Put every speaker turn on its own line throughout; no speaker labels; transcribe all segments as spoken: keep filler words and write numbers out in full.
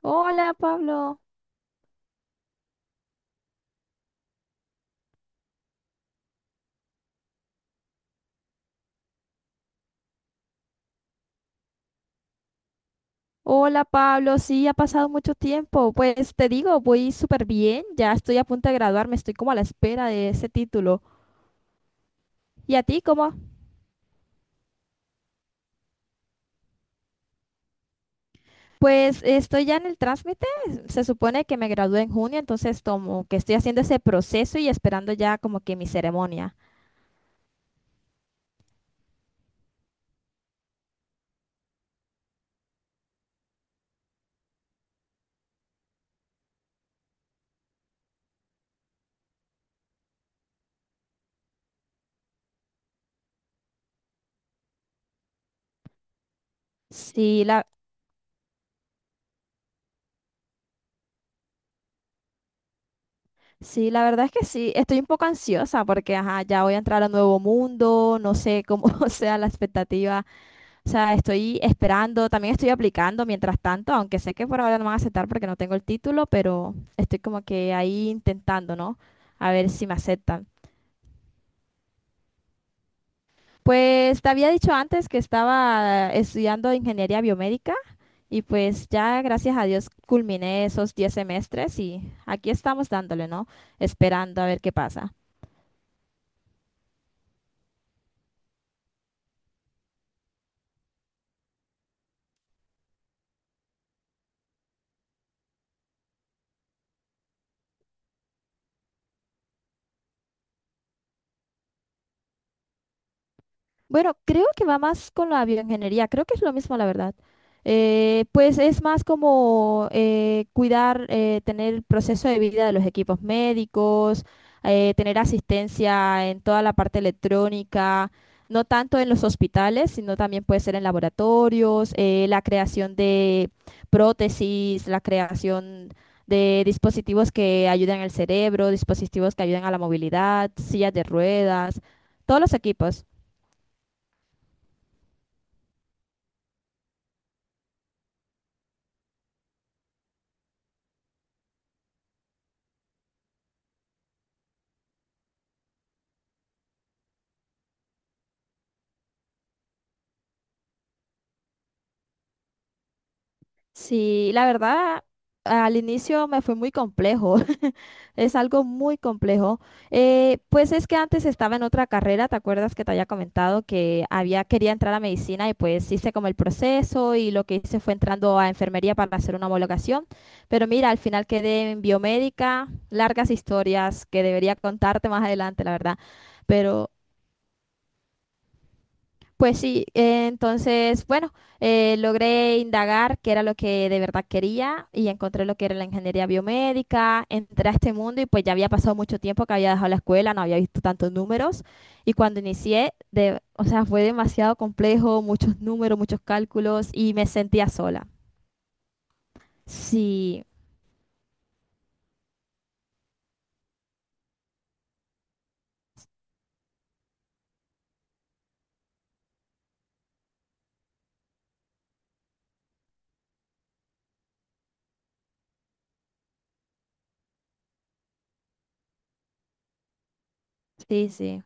Hola Pablo, hola Pablo, sí, ha pasado mucho tiempo. Pues te digo, voy súper bien, ya estoy a punto de graduarme, estoy como a la espera de ese título. ¿Y a ti cómo? Pues estoy ya en el trámite, se supone que me gradué en junio, entonces como que estoy haciendo ese proceso y esperando ya como que mi ceremonia. Sí, la, sí, la verdad es que sí, estoy un poco ansiosa porque ajá, ya voy a entrar a un nuevo mundo, no sé cómo sea la expectativa. O sea, estoy esperando, también estoy aplicando mientras tanto, aunque sé que por ahora no me van a aceptar porque no tengo el título, pero estoy como que ahí intentando, ¿no? A ver si me aceptan. Pues te había dicho antes que estaba estudiando ingeniería biomédica, y pues ya gracias a Dios culminé esos diez semestres y aquí estamos dándole, ¿no? Esperando a ver qué pasa. Bueno, creo que va más con la bioingeniería, creo que es lo mismo, la verdad. Eh, pues es más como eh, cuidar, eh, tener el proceso de vida de los equipos médicos, eh, tener asistencia en toda la parte electrónica, no tanto en los hospitales, sino también puede ser en laboratorios, eh, la creación de prótesis, la creación de dispositivos que ayuden al cerebro, dispositivos que ayuden a la movilidad, sillas de ruedas, todos los equipos. Sí, la verdad, al inicio me fue muy complejo, es algo muy complejo. Eh, pues es que antes estaba en otra carrera, ¿te acuerdas que te había comentado que había quería entrar a medicina y pues hice como el proceso y lo que hice fue entrando a enfermería para hacer una homologación? Pero mira, al final quedé en biomédica, largas historias que debería contarte más adelante, la verdad. Pero pues sí, eh, entonces, bueno, eh, logré indagar qué era lo que de verdad quería y encontré lo que era la ingeniería biomédica, entré a este mundo y pues ya había pasado mucho tiempo que había dejado la escuela, no había visto tantos números y cuando inicié, de, o sea, fue demasiado complejo, muchos números, muchos cálculos y me sentía sola. Sí, sí, sí.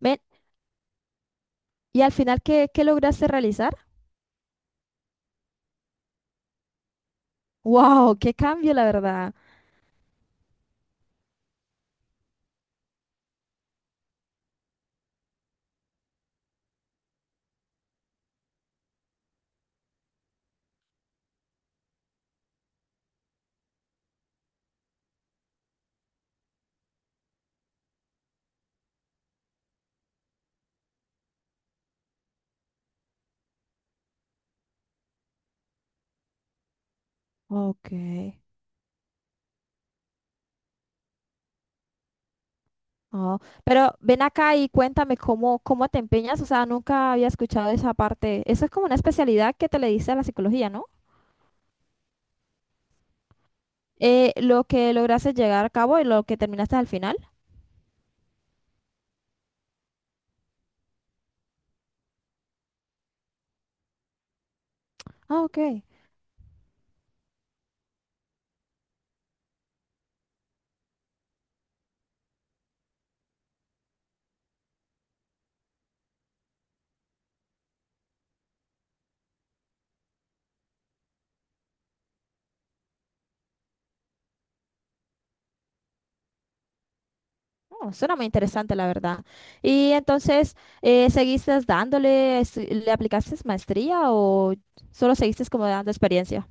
Ven, y al final, ¿qué, ¿qué lograste realizar? ¡Wow! ¡Qué cambio, la verdad! Ok. Oh, pero ven acá y cuéntame cómo, cómo te empeñas. O sea, nunca había escuchado esa parte. Eso es como una especialidad que te le diste a la psicología, ¿no? Eh, lo que lograste llegar a cabo y lo que terminaste al final. Ah, ok. Oh, suena muy interesante, la verdad. Y entonces, eh, ¿seguiste dándole, estu- le aplicaste maestría o solo seguiste como dando experiencia?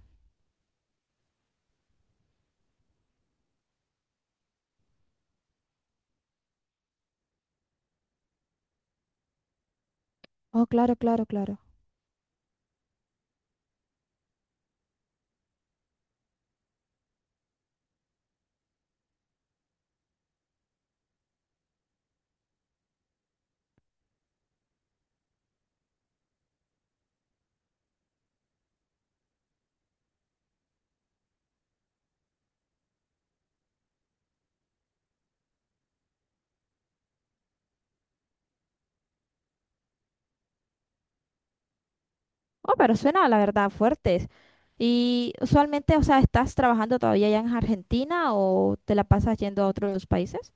Oh, claro, claro, claro. Oh, pero suena, la verdad, fuertes. Y usualmente, o sea, ¿estás trabajando todavía allá en Argentina o te la pasas yendo a otros países?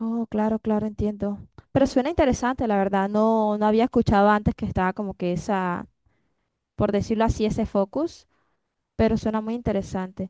Oh, claro, claro, entiendo. Pero suena interesante, la verdad. No, no había escuchado antes que estaba como que esa, por decirlo así, ese focus, pero suena muy interesante.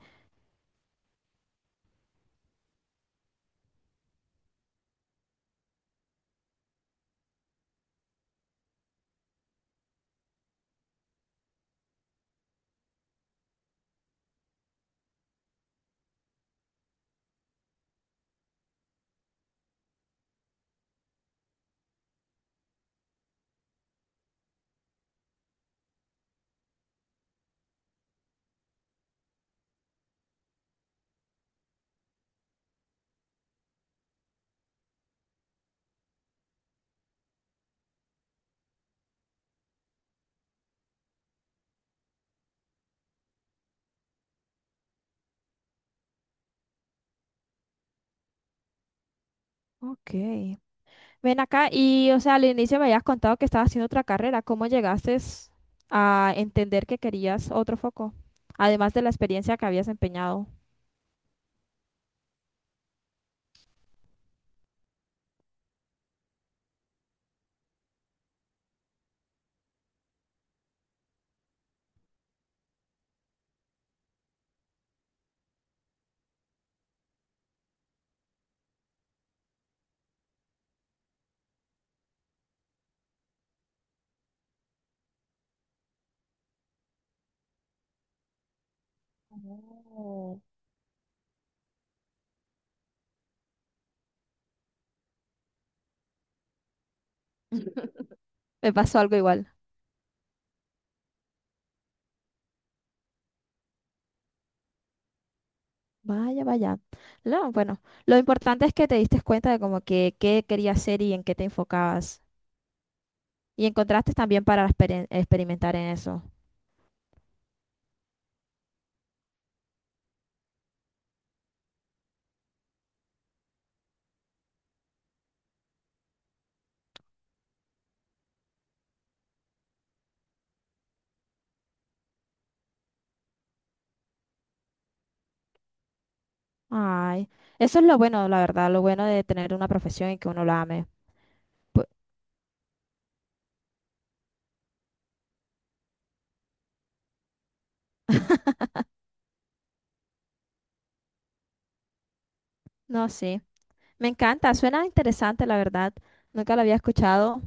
Ok. Ven acá y, o sea, al inicio me habías contado que estabas haciendo otra carrera. ¿Cómo llegaste a entender que querías otro foco? Además de la experiencia que habías empeñado. Oh. Me pasó algo igual. Vaya, vaya. No, bueno, lo importante es que te diste cuenta de como que qué querías hacer y en qué te enfocabas. Y encontraste también para experin- experimentar en eso. Ay, eso es lo bueno, la verdad, lo bueno de tener una profesión y que uno la ame. Pu- no, sí. Me encanta, suena interesante, la verdad. Nunca lo había escuchado.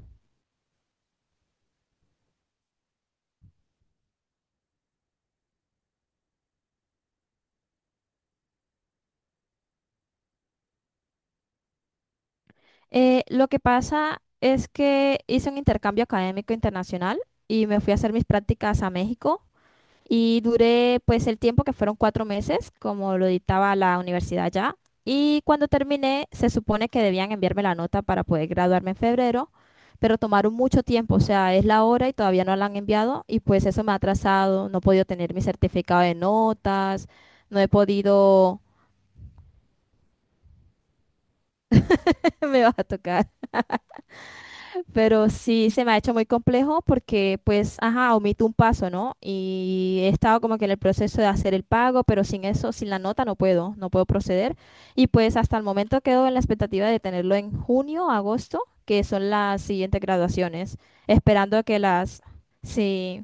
Eh, lo que pasa es que hice un intercambio académico internacional y me fui a hacer mis prácticas a México. Y duré pues el tiempo que fueron cuatro meses, como lo dictaba la universidad ya. Y cuando terminé, se supone que debían enviarme la nota para poder graduarme en febrero, pero tomaron mucho tiempo, o sea, es la hora y todavía no la han enviado y pues eso me ha atrasado, no he podido tener mi certificado de notas, no he podido, me va a tocar. Pero sí se me ha hecho muy complejo porque, pues, ajá, omito un paso, ¿no? Y he estado como que en el proceso de hacer el pago, pero sin eso, sin la nota, no puedo, no puedo proceder. Y pues hasta el momento quedo en la expectativa de tenerlo en junio, agosto, que son las siguientes graduaciones, esperando que las... Sí,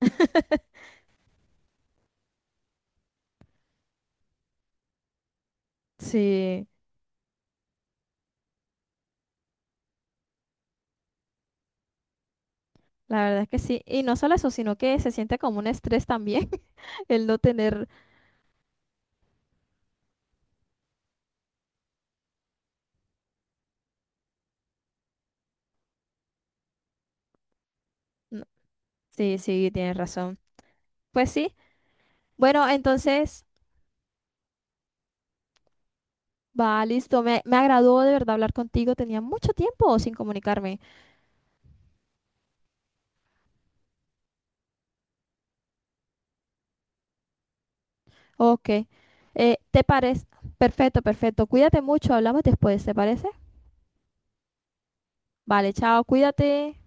sí, la verdad es que sí. Y no solo eso, sino que se siente como un estrés también el no tener... no- Sí, sí, tienes razón. Pues sí. Bueno, entonces... Va, listo. Me, me agradó de verdad hablar contigo. Tenía mucho tiempo sin comunicarme. Ok. Eh, ¿te parece? Perfecto, perfecto. Cuídate mucho. Hablamos después, ¿te parece? Vale, chao. Cuídate.